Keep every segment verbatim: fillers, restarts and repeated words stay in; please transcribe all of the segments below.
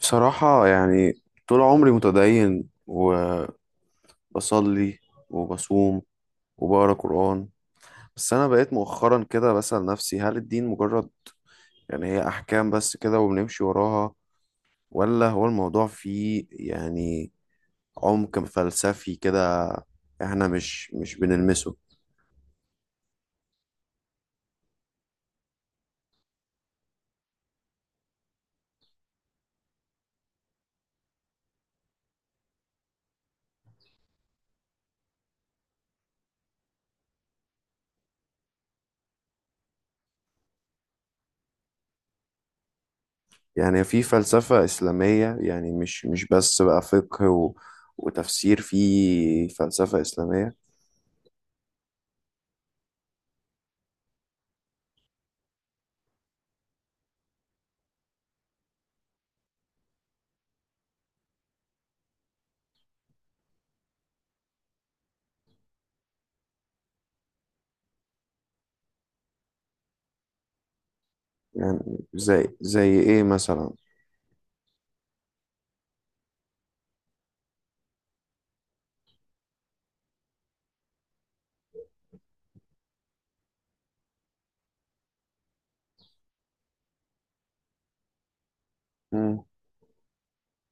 بصراحة يعني طول عمري متدين وبصلي وبصوم وبقرا قرآن. بس أنا بقيت مؤخرا كده بسأل نفسي، هل الدين مجرد يعني هي أحكام بس كده وبنمشي وراها، ولا هو الموضوع فيه يعني عمق فلسفي كده إحنا مش مش بنلمسه؟ يعني في فلسفة إسلامية، يعني مش مش بس بقى فقه و وتفسير، في فلسفة إسلامية. يعني زي زي إيه مثلا؟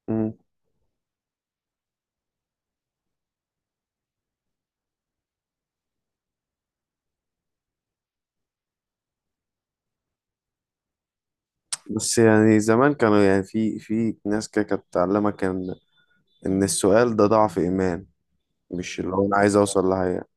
مم. بس يعني زمان كانوا يعني في في ناس كده كانت تعلمك ان ان السؤال ده ضعف ايمان، مش اللي هو انا عايز اوصل لحاجه.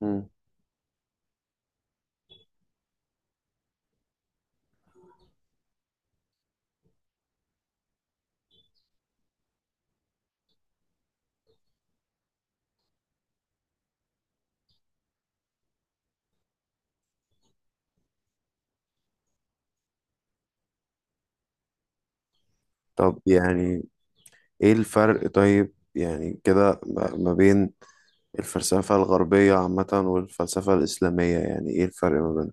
مم. طب يعني ايه الفرق؟ طيب يعني كده ما ما بين الفلسفه الغربيه عامه والفلسفه الاسلاميه، يعني ايه الفرق ما بينهم؟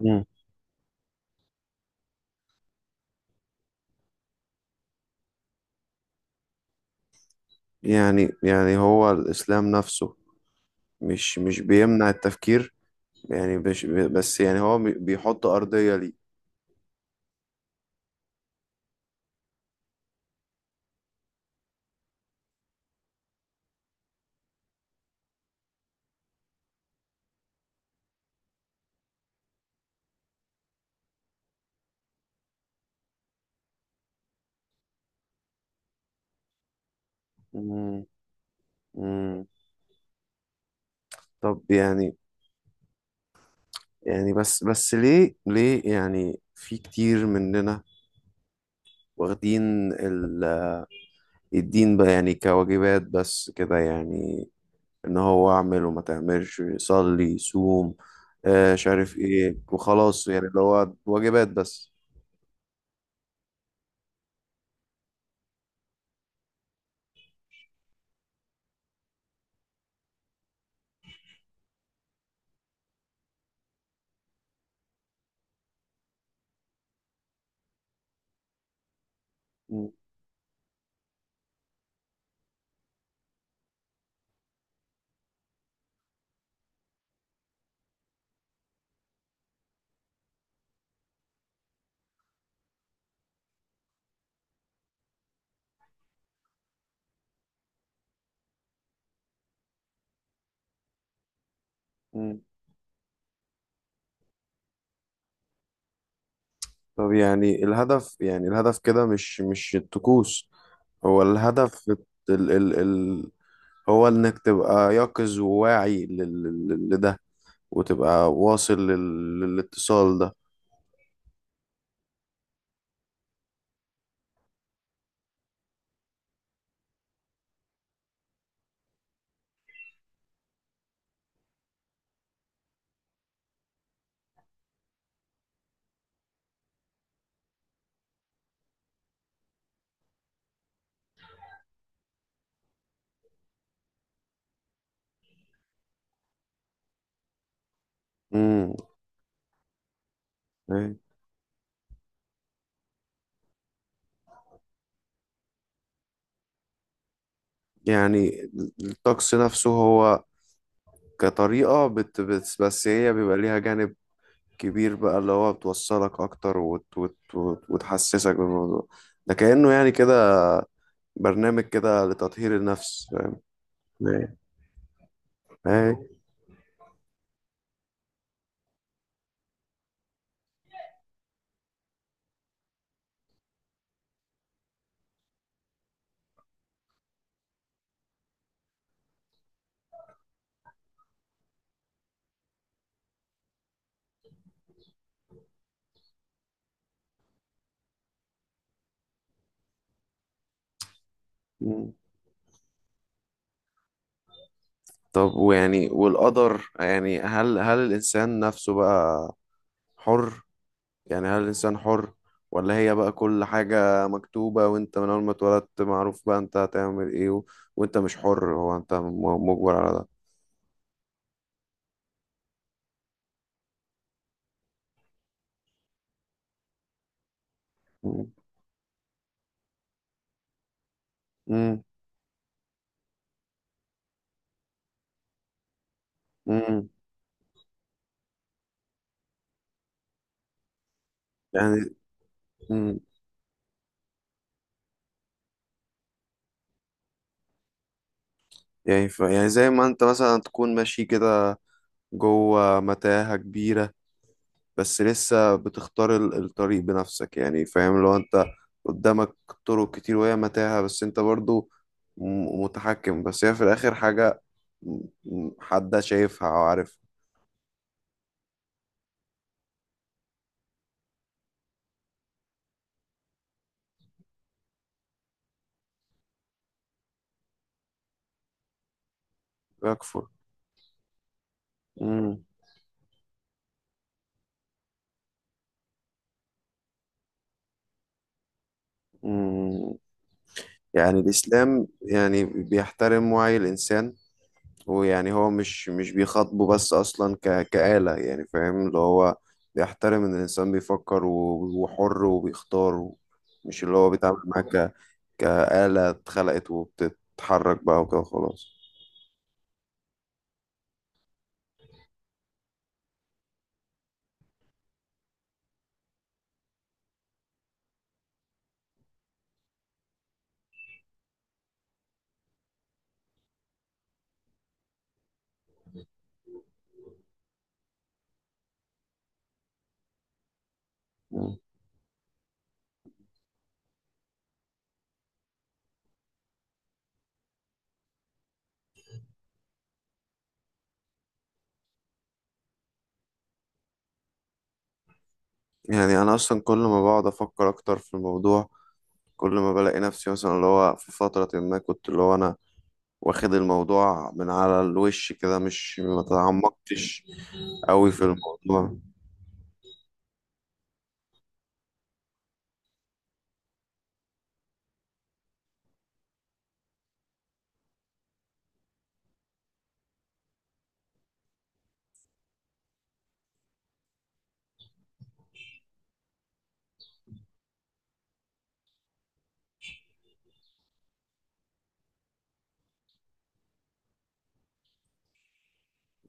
مم. يعني يعني هو الاسلام نفسه مش مش بيمنع التفكير، يعني مش بس، يعني هو بيحط ارضيه ليه. مم. مم. طب يعني يعني بس بس ليه ليه يعني في كتير مننا واخدين ال- الدين بقى يعني كواجبات بس كده، يعني ان هو اعمل وما تعملش، صلي صوم، آه مش عارف ايه وخلاص، يعني اللي هو واجبات بس. م- م. طب يعني الهدف، يعني الهدف كده مش مش الطقوس، هو الهدف ال ال ال هو انك تبقى يقظ وواعي لل- لل- لده، وتبقى واصل لل- للاتصال ده. امم. يعني الطقس نفسه هو كطريقة بت بت بس هي بيبقى ليها جانب كبير بقى، اللي هو بتوصلك أكتر وت وت وت وتحسسك بالموضوع ده، كأنه يعني كده برنامج كده لتطهير النفس، فاهم؟ ايه. إيه. مم. طب ويعني والقدر، يعني هل هل الإنسان نفسه بقى حر؟ يعني هل الإنسان حر؟ ولا هي بقى كل حاجة مكتوبة، وأنت من أول ما اتولدت معروف بقى أنت هتعمل إيه و... وأنت مش حر، هو أنت م- مجبر على ده. مم. مم. مم. يعني مم. يعني ف... يعني زي ما أنت مثلا تكون ماشي كده جوه متاهة كبيرة، بس لسه بتختار ال- الطريق بنفسك، يعني فاهم؟ لو أنت قدامك طرق كتير وهي متاهة، بس أنت برضو م- متحكم، بس هي في الآخر حاجة م- م- حد شايفها أو عارفها. يكفر. مم. مم. يعني الإسلام يعني بيحترم وعي الإنسان، ويعني هو مش مش بيخاطبه بس أصلا ك... كآلة، يعني فاهم اللي هو بيحترم إن الإنسان بيفكر و... وحر وبيختار و... مش اللي هو بيتعامل معاه ك... كآلة اتخلقت وبتتحرك بقى وكده خلاص. مم. يعني أنا أصلا كل ما بقعد أفكر أكتر في الموضوع، كل ما بلاقي نفسي، مثلا اللي هو في فترة ما كنت، اللي هو أنا واخد الموضوع من على الوش كده، مش ما تعمقتش قوي في الموضوع.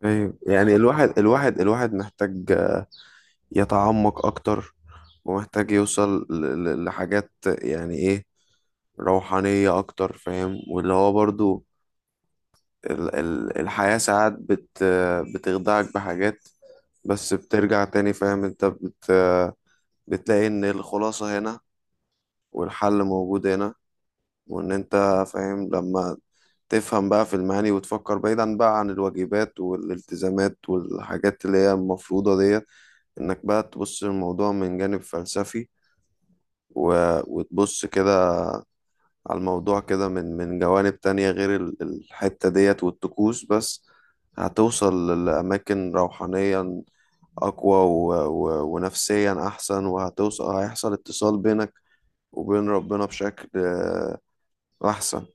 ايوه، يعني الواحد الواحد الواحد محتاج يتعمق اكتر، ومحتاج يوصل ل- ل- لحاجات يعني ايه، روحانية اكتر، فاهم؟ واللي هو برضو ال- ال- الحياة ساعات بت بتخدعك بحاجات، بس بترجع تاني، فاهم انت بت بتلاقي ان الخلاصة هنا، والحل موجود هنا، وان انت فاهم لما تفهم بقى في المعاني، وتفكر بعيدا بقى عن الواجبات والالتزامات والحاجات اللي هي المفروضة ديت، انك بقى تبص للموضوع من جانب فلسفي، و- وتبص كده على الموضوع كده من من جوانب تانية غير ال- الحتة ديت والطقوس بس، هتوصل لأماكن روحانيا أقوى و... و... ونفسيا أحسن، وهتوصل هيحصل اتصال بينك وبين ربنا بشكل آه، أحسن.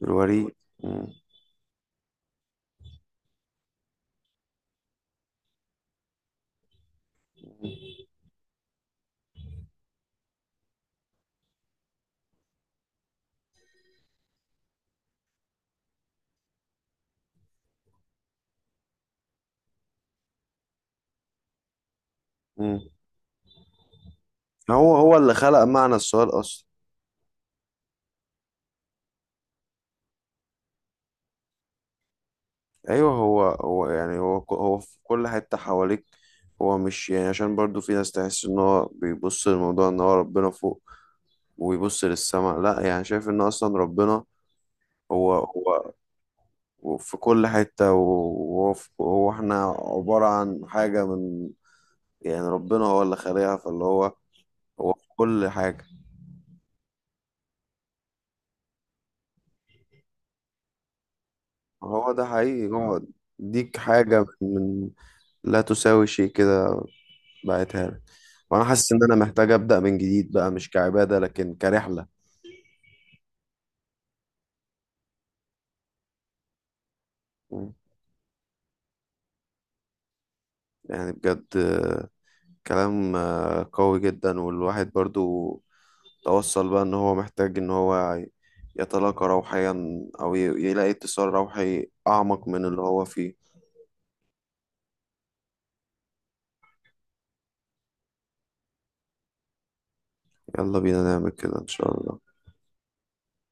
بالوريد. مم. مم. هو هو اللي خلق معنى السؤال أصلا. ايوه، هو هو يعني هو ك- هو في كل حته حواليك، هو مش يعني عشان برضو في ناس تحس ان هو بيبص للموضوع ان هو ربنا فوق ويبص للسماء، لا يعني شايف ان اصلا ربنا هو هو هو في كل حته، وهو في- هو احنا عباره عن حاجه من، يعني ربنا هو اللي خالقها، فاللي هو هو في كل حاجه. هو ده حقيقي، هو ديك حاجه من من لا تساوي شيء كده، بعتها لك، وانا حاسس ان انا محتاج ابدا من جديد بقى مش كعباده لكن كرحله. مم. يعني بجد آه، كلام آه، قوي جدا، والواحد برضو توصل بقى ان هو محتاج ان هو يتلاقى روحيا، او ي- يلاقي اتصال روحي اعمق من اللي هو فيه. يلا بينا نعمل كده ان شاء الله.